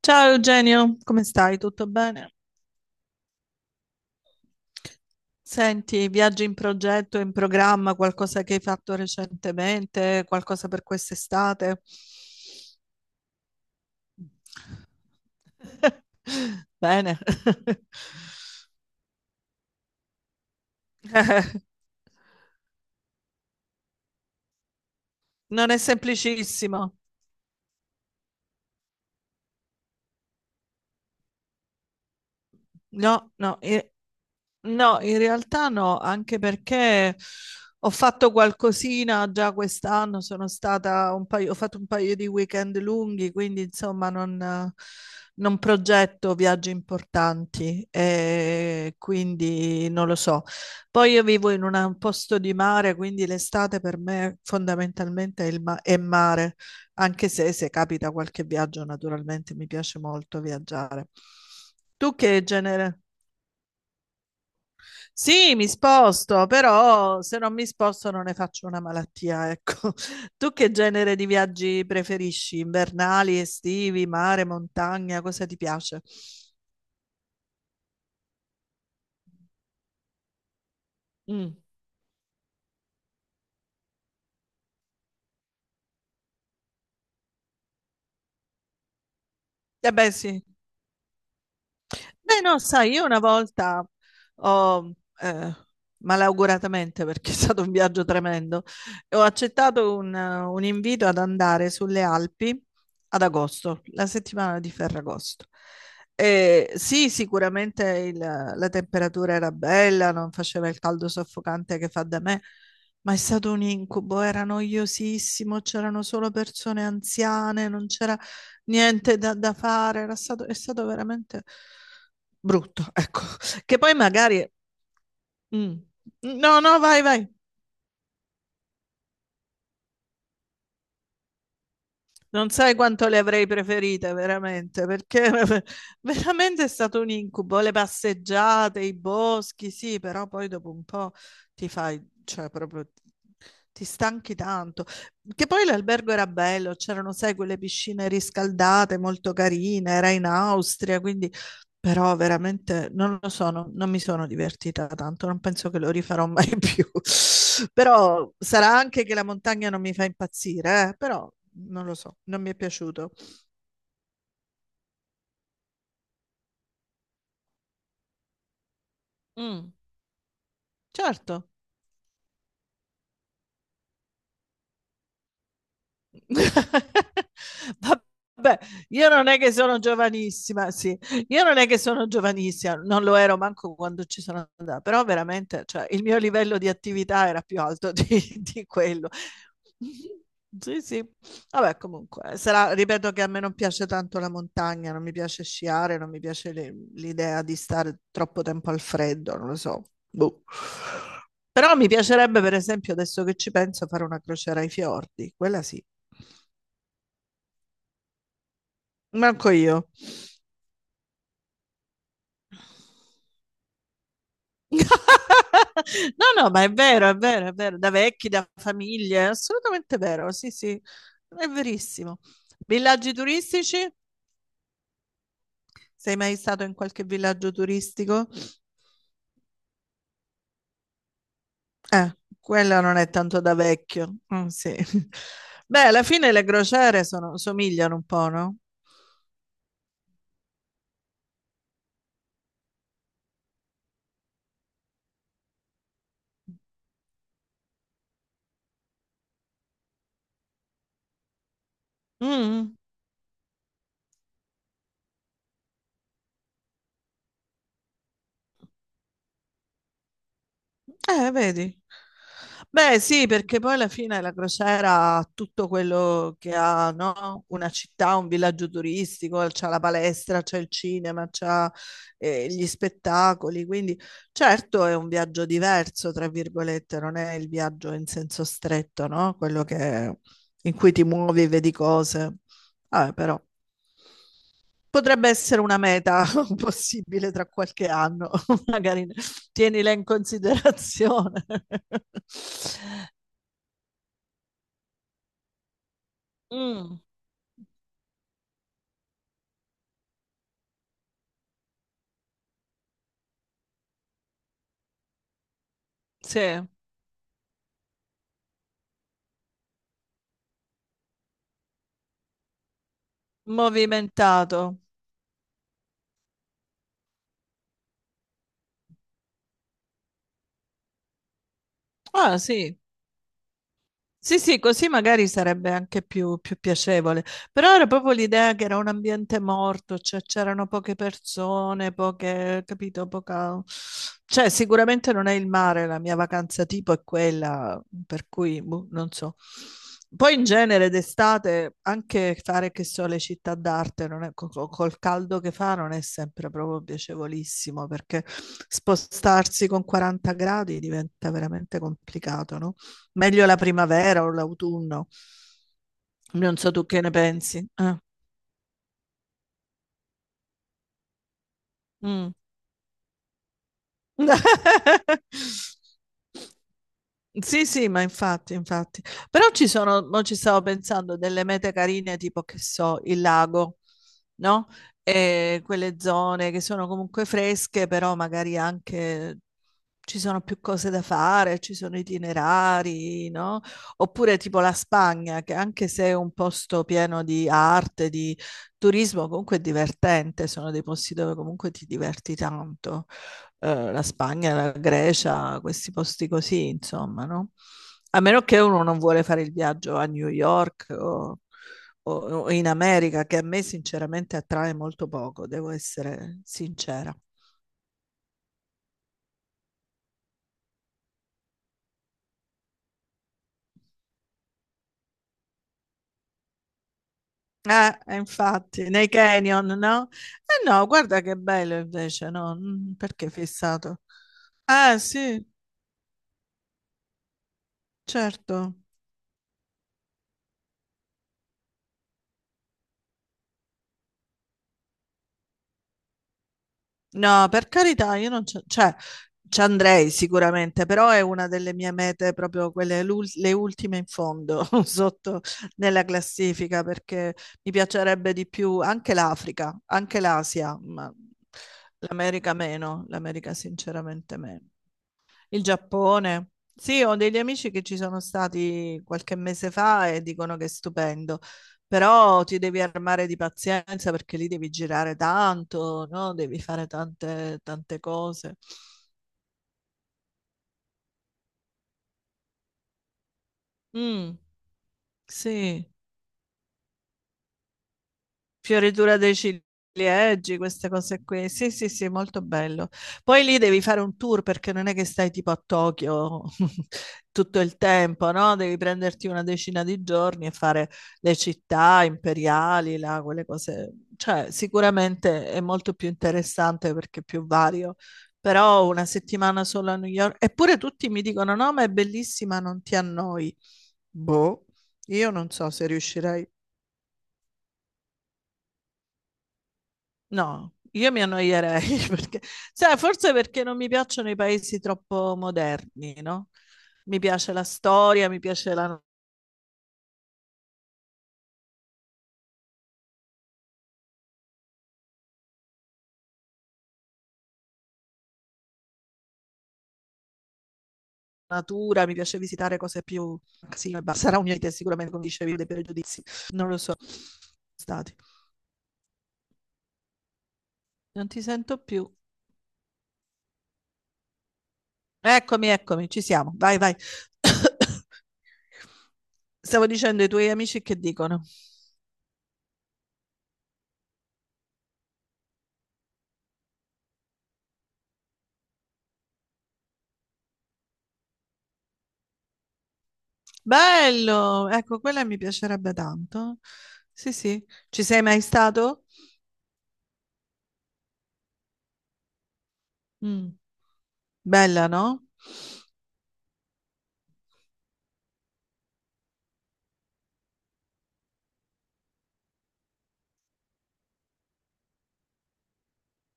Ciao Eugenio, come stai? Tutto bene? Senti, viaggi in progetto, in programma, qualcosa che hai fatto recentemente, qualcosa per quest'estate? Bene. Eh, Non è semplicissimo. No, no, i- No, in realtà no, anche perché ho fatto qualcosina già quest'anno, sono stata un paio, ho fatto un paio di weekend lunghi, quindi insomma non, non progetto viaggi importanti, e quindi non lo so. Poi io vivo in una- un posto di mare, quindi l'estate per me fondamentalmente è, il ma- è mare, anche se se capita qualche viaggio naturalmente mi piace molto viaggiare. Tu che genere? Sì, mi sposto, però se non mi sposto non ne faccio una malattia, ecco. Tu che genere di viaggi preferisci? Invernali, estivi, mare, montagna? Cosa ti piace? Mm. Eh beh, sì. Beh, no, sai, io una volta ho, eh, malauguratamente, perché è stato un viaggio tremendo, ho accettato un invito ad andare sulle Alpi ad agosto, la settimana di Ferragosto. Sì, sicuramente il- la temperatura era bella, non faceva il caldo soffocante che fa da me, ma è stato un incubo, era noiosissimo, c'erano solo persone anziane, non c'era niente da, da fare, era stato, è stato veramente brutto, ecco, che poi magari... mm, No, no, vai, vai. Non sai quanto le avrei preferite, veramente, perché veramente è stato un incubo. Le passeggiate, i boschi, sì, però poi dopo un po' ti fai, cioè proprio ti stanchi tanto. Che poi l'albergo era bello, c'erano, sai, quelle piscine riscaldate molto carine, era in Austria, quindi Però veramente non lo so, non, non mi sono divertita tanto, non penso che lo rifarò mai più. Però sarà anche che la montagna non mi fa impazzire, Però non lo so, non mi è piaciuto. Mm, certo. Vabbè, io non è che sono giovanissima, sì, io non è che sono giovanissima, non lo ero manco quando ci sono andata, però veramente, cioè, il mio livello di attività era più alto di, di quello. Sì, sì, vabbè, comunque, sarà, ripeto che a me non piace tanto la montagna, non mi piace sciare, non mi piace le- l'idea di stare troppo tempo al freddo, non lo so. Boh. Però mi piacerebbe, per esempio, adesso che ci penso, fare una crociera ai fiordi, quella sì. Manco io. No, no, ma è vero, è vero, è vero, da vecchi, da famiglie, è assolutamente vero, sì, sì, è verissimo. Villaggi turistici? Sei mai stato in qualche villaggio turistico? Quella non è tanto da vecchio. Mm, sì. Beh, alla fine le crociere sono- somigliano un po', no? Mm, vedi. Beh, sì, perché poi alla fine la crociera ha tutto quello che ha, no? Una città, un villaggio turistico, c'ha la palestra, c'è il cinema, c'ha gli spettacoli, quindi certo è un viaggio diverso, tra virgolette, non è il viaggio in senso stretto, no? Quello che, in cui ti muovi e vedi cose. Vabbè, però potrebbe essere una meta possibile tra qualche anno, magari tienila in considerazione. Mm, sì, movimentato. Ah, sì, Sì, sì, così magari sarebbe anche più, più piacevole, però era proprio l'idea che era un ambiente morto, cioè c'erano poche persone, poche, capito, poca... Cioè sicuramente non è il mare, la mia vacanza tipo è quella, per cui boh, non so. Poi in genere d'estate anche fare che so le città d'arte, non è- co- co- col caldo che fa non è sempre proprio piacevolissimo, perché spostarsi con 40 gradi diventa veramente complicato, no? Meglio la primavera o l'autunno. Non so tu che ne pensi. Mm. Sì, sì, ma infatti, infatti. Però ci sono, mo ci stavo pensando, delle mete carine, tipo, che so, il lago, no? E quelle zone che sono comunque fresche, però magari anche ci sono più cose da fare, ci sono itinerari, no? Oppure tipo la Spagna, che anche se è un posto pieno di arte, di turismo, comunque è divertente, sono dei posti dove comunque ti diverti tanto la Spagna, la Grecia, questi posti così, insomma, no? A meno che uno non vuole fare il viaggio a New York o- o in America, che a me sinceramente attrae molto poco, devo essere sincera. Infatti, nei canyon, no? Eh no, guarda che bello invece, no? Mm, Perché fissato? Ah, sì, certo. No, per carità, io non c'è, cioè, ci andrei sicuramente, però è una delle mie mete, proprio quelle, l'ul- le ultime in fondo, sotto nella classifica, perché mi piacerebbe di più anche l'Africa, anche l'Asia, ma l'America meno, l'America sinceramente meno. Il Giappone. Sì, ho degli amici che ci sono stati qualche mese fa e dicono che è stupendo, però ti devi armare di pazienza perché lì devi girare tanto, no? Devi fare tante, tante cose. Mm, sì, Fioritura dei ciliegi, queste cose qui. Sì, sì, sì, molto bello. Poi lì devi fare un tour perché non è che stai tipo a Tokyo tutto il tempo, no? Devi prenderti una 10 di giorni e fare le città imperiali, là, quelle cose. Cioè, sicuramente è molto più interessante perché è più vario. Però una settimana solo a New York. Eppure tutti mi dicono: no, ma è bellissima, non ti annoi. Boh, io non so se riuscirei. No, io mi annoierei perché, sai, forse perché non mi piacciono i paesi troppo moderni, no? Mi piace la storia, mi piace la natura, mi piace visitare cose più... Sì, ma sarà un'idea sicuramente, come dicevi, dei pregiudizi. Non lo so. Stati. Non ti sento più. Eccomi, eccomi, ci siamo. Vai, vai. Stavo dicendo ai tuoi amici che dicono. Bello! Ecco, quella mi piacerebbe tanto. Sì, sì. Ci sei mai stato? Mm. Bella, no?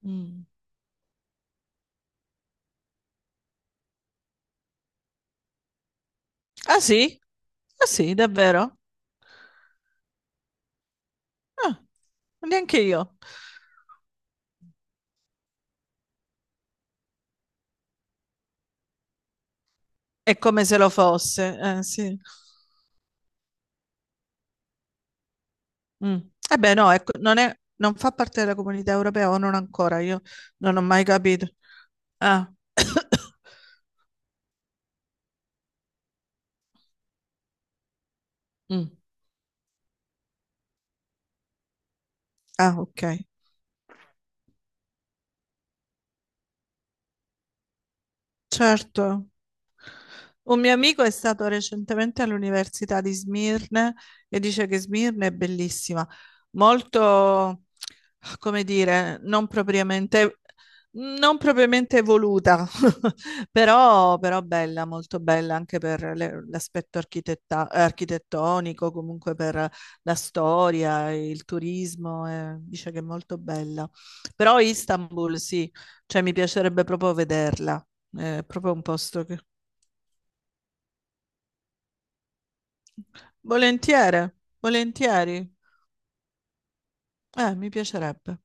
Mm. Ah sì? Ah sì, davvero? Ah, neanche io. È come se lo fosse. Sì. Mm. Eh beh, no, ecco, non è- non fa parte della comunità europea o non ancora, io non ho mai capito. Ah, Mm. Ah, ok. Certo. Un mio amico è stato recentemente all'Università di Smirne e dice che Smirne è bellissima, molto, come dire, non propriamente, non propriamente evoluta, però, però bella, molto bella anche per le- l'aspetto architetta- architettonico, comunque per la storia, il turismo, dice che è molto bella. Però Istanbul sì, cioè mi piacerebbe proprio vederla, è proprio un posto che Volentieri, volentieri. Mi piacerebbe.